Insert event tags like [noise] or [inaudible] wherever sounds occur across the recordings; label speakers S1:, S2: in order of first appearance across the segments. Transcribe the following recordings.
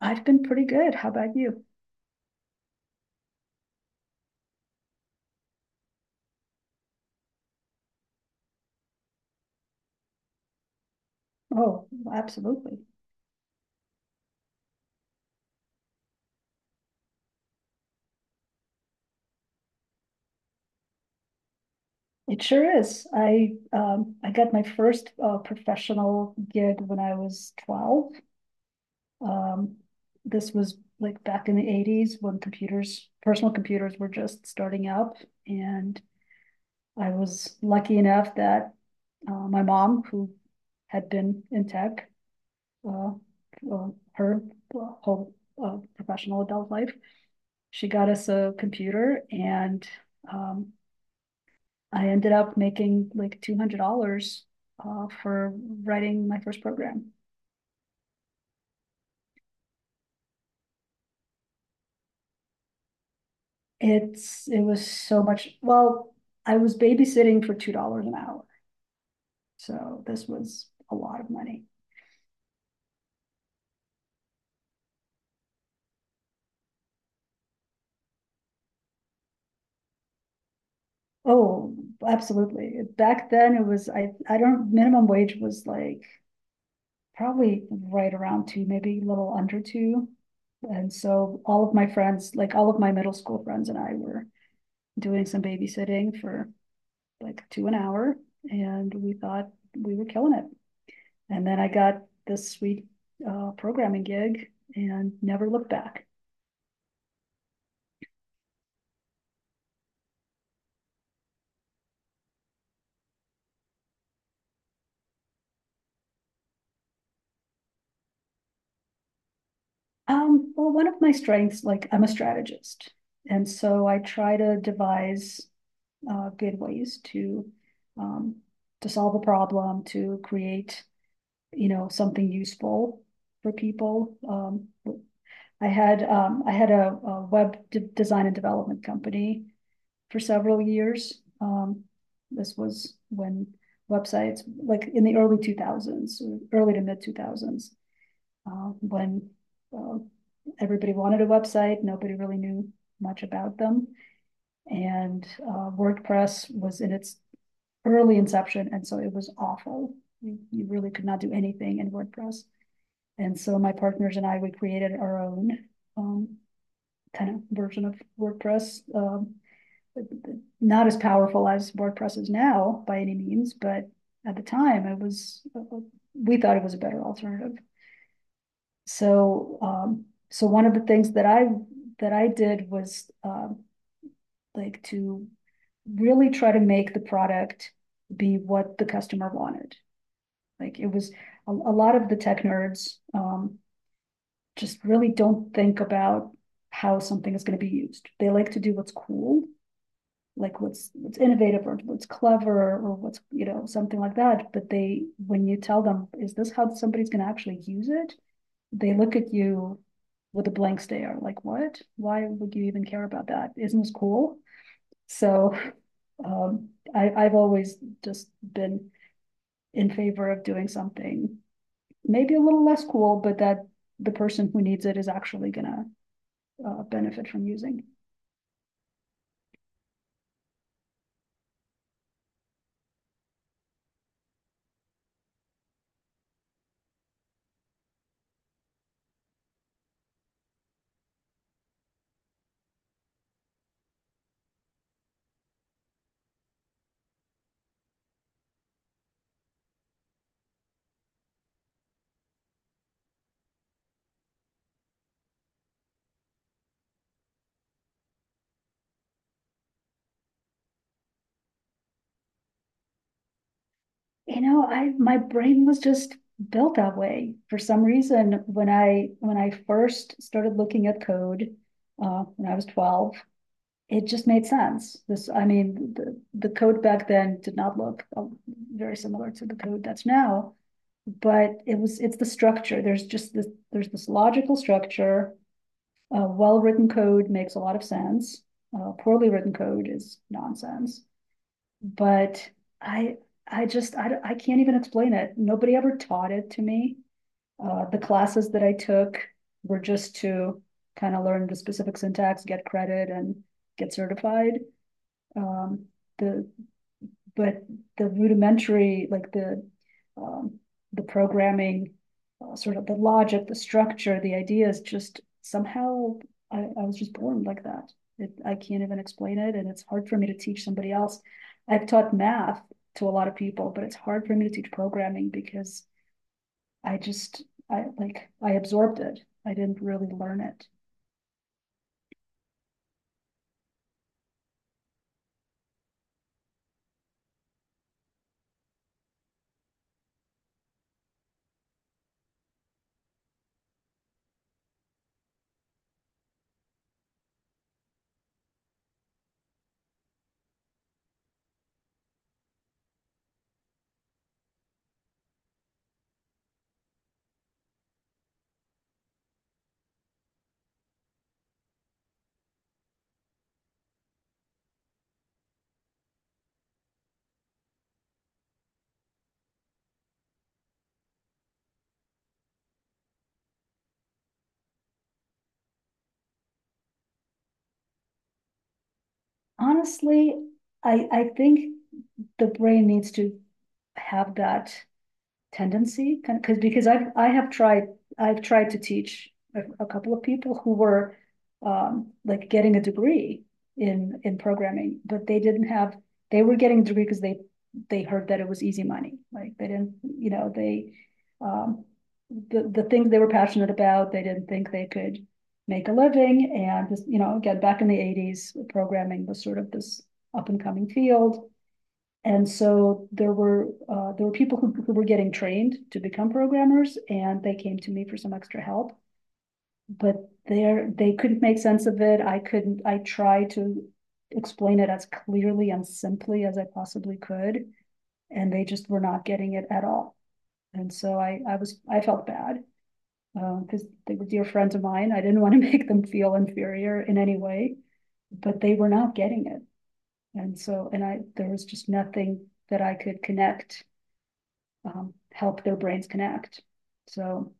S1: I've been pretty good. How about you? Oh, absolutely. It sure is. I got my first professional gig when I was 12. Um, this was like back in the 80s when computers, personal computers were just starting up. And I was lucky enough that my mom, who had been in tech uh, her whole professional adult life, she got us a computer and um, I ended up making like $200 for writing my first program. It was so much. Well, I was babysitting for $2 an hour, so this was a lot of money. Oh, absolutely. Back then, it was I don't minimum wage was like probably right around two, maybe a little under two. And so all of my friends, like all of my middle school friends and I were doing some babysitting for like two an hour, and we thought we were killing it. And then I got this sweet programming gig and never looked back. Well, one of my strengths, like I'm a strategist, and so I try to devise good ways um, to solve a problem, to create something useful for people. I had a web design and development company for several years. This was when websites, like in the early two thousands, early to mid two thousands, when uh, everybody wanted a website, nobody really knew much about them, and WordPress was in its early inception, and so it was awful. You really could not do anything in WordPress, and so my partners and I we created our own um, kind of version of WordPress. Not as powerful as WordPress is now by any means, but at the time it was we thought it was a better alternative. So um, so one of the things that I did was like to really try to make the product be what the customer wanted. Like it was a lot of the tech nerds just really don't think about how something is going to be used. They like to do what's cool, like what's innovative or what's clever or what's something like that. But they when you tell them is this how somebody's going to actually use it, they look at you with a blank stare like, what, why would you even care about that, isn't this cool? So I've always just been in favor of doing something maybe a little less cool but that the person who needs it is actually going to benefit from using. You know, I my brain was just built that way for some reason. When I first started looking at code, when I was 12, it just made sense. This, I mean, the code back then did not look very similar to the code that's now, but it's the structure. There's this logical structure. Well written code makes a lot of sense. Poorly written code is nonsense, but I I can't even explain it. Nobody ever taught it to me. The classes that I took were just to kind of learn the specific syntax, get credit, and get certified. Um, the but the rudimentary, like um, the programming, sort of the logic, the structure, the ideas, just somehow I was just born like that. It, I can't even explain it, and it's hard for me to teach somebody else. I've taught math to a lot of people, but it's hard for me to teach programming because I just I absorbed it. I didn't really learn it. Honestly, I think the brain needs to have that tendency because I have tried, I've tried to teach a couple of people who were like getting a degree in programming, but they didn't have they were getting a degree because they heard that it was easy money. Like they didn't you know they um, the things they were passionate about, they didn't think they could make a living, and just you know again back in the 80s programming was sort of this up and coming field, and so there were people who were getting trained to become programmers, and they came to me for some extra help. But they couldn't make sense of it. I couldn't, I tried to explain it as clearly and simply as I possibly could. And they just were not getting it at all. And so I was, I felt bad because they were dear friends of mine. I didn't want to [laughs] make them feel inferior in any way, but they were not getting it. And so, and I, there was just nothing that I could connect, help their brains connect. So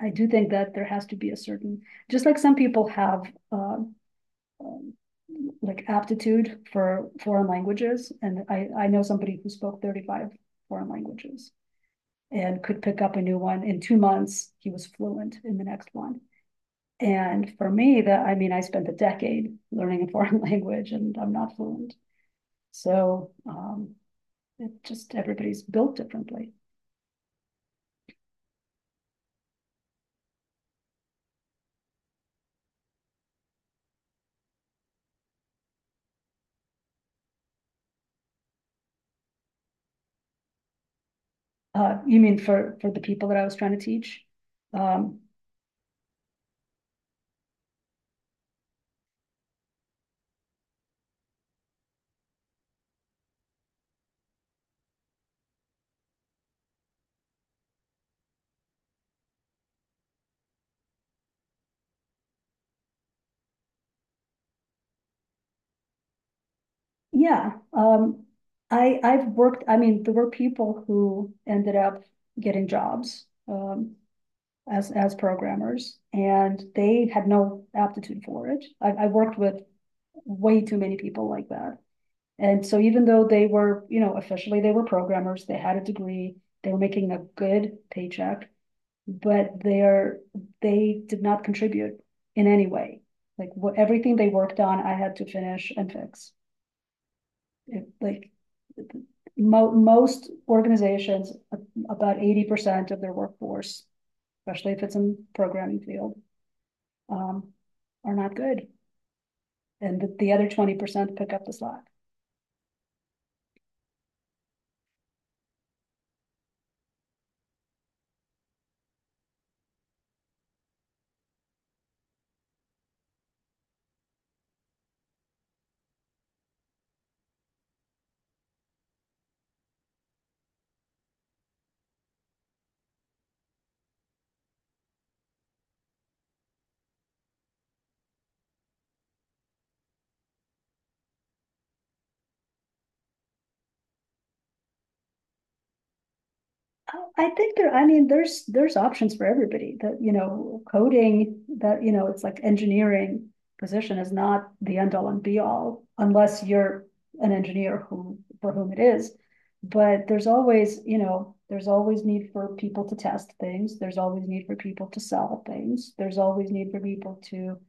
S1: I do think that there has to be just like some people have uh, um, like aptitude for foreign languages, and I know somebody who spoke 35 foreign languages and could pick up a new one in 2 months. He was fluent in the next one. And for me, that I mean, I spent a decade learning a foreign [laughs] language, and I'm not fluent. So um, it just, everybody's built differently. You mean for the people that I was trying to teach? Um, yeah, I've worked, I mean, there were people who ended up getting jobs, as programmers, and they had no aptitude for it. I worked with way too many people like that. And so even though they were, you know, officially they were programmers, they had a degree, they were making a good paycheck, but they did not contribute in any way. Like what everything they worked on, I had to finish and fix. It, like Most organizations, about 80% of their workforce, especially if it's in programming field, um, are not good, and the other 20% pick up the slack. I mean, there's options for everybody. That you know, coding that you know, It's like engineering position is not the end all and be all, unless you're an engineer who for whom it is. But there's always, you know, there's always need for people to test things. There's always need for people to sell things. There's always need for people to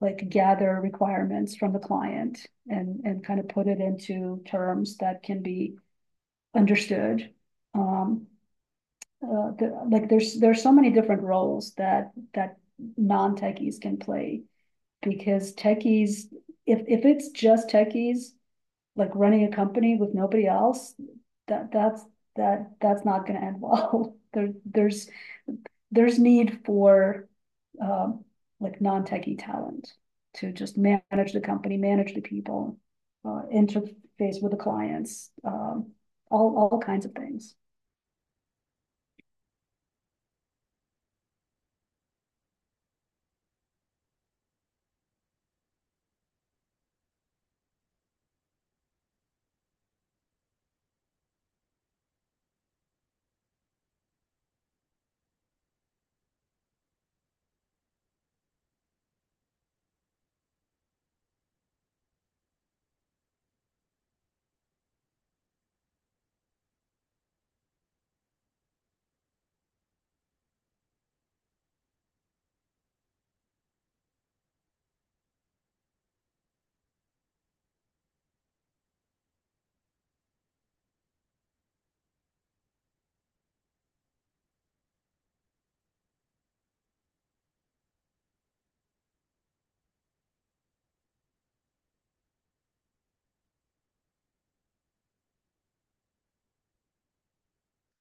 S1: like gather requirements from the client and kind of put it into terms that can be understood. Um, there's so many different roles that non techies can play, because techies, if it's just techies like running a company with nobody else, that that's that that's not going to end well. [laughs] There's need for um, like non techie talent to just manage the company, manage the people, interface with the clients, all kinds of things.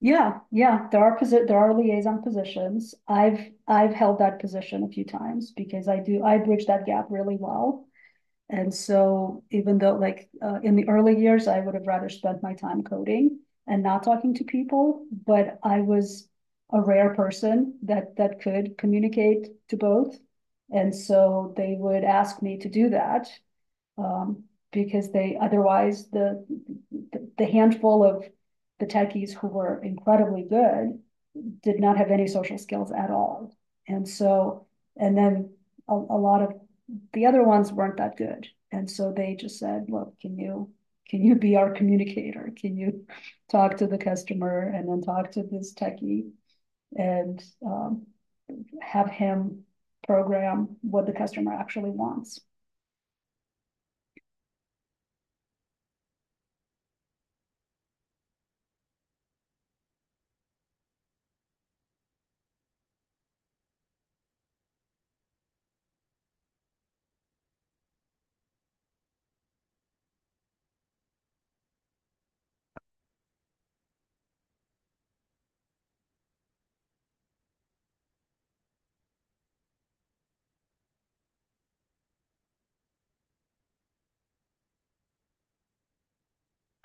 S1: Yeah, there are there are liaison positions. I've held that position a few times because I bridge that gap really well. And so even though, like, in the early years I would have rather spent my time coding and not talking to people, but I was a rare person that could communicate to both. And so they would ask me to do that, um, because they, otherwise, the handful of the techies who were incredibly good did not have any social skills at all. And so, and then a lot of the other ones weren't that good. And so they just said, look, can you be our communicator? Can you talk to the customer and then talk to this techie? And have him program what the customer actually wants.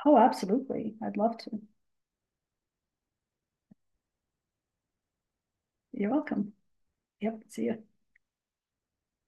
S1: Oh, absolutely. I'd love to. You're welcome. Yep. See you.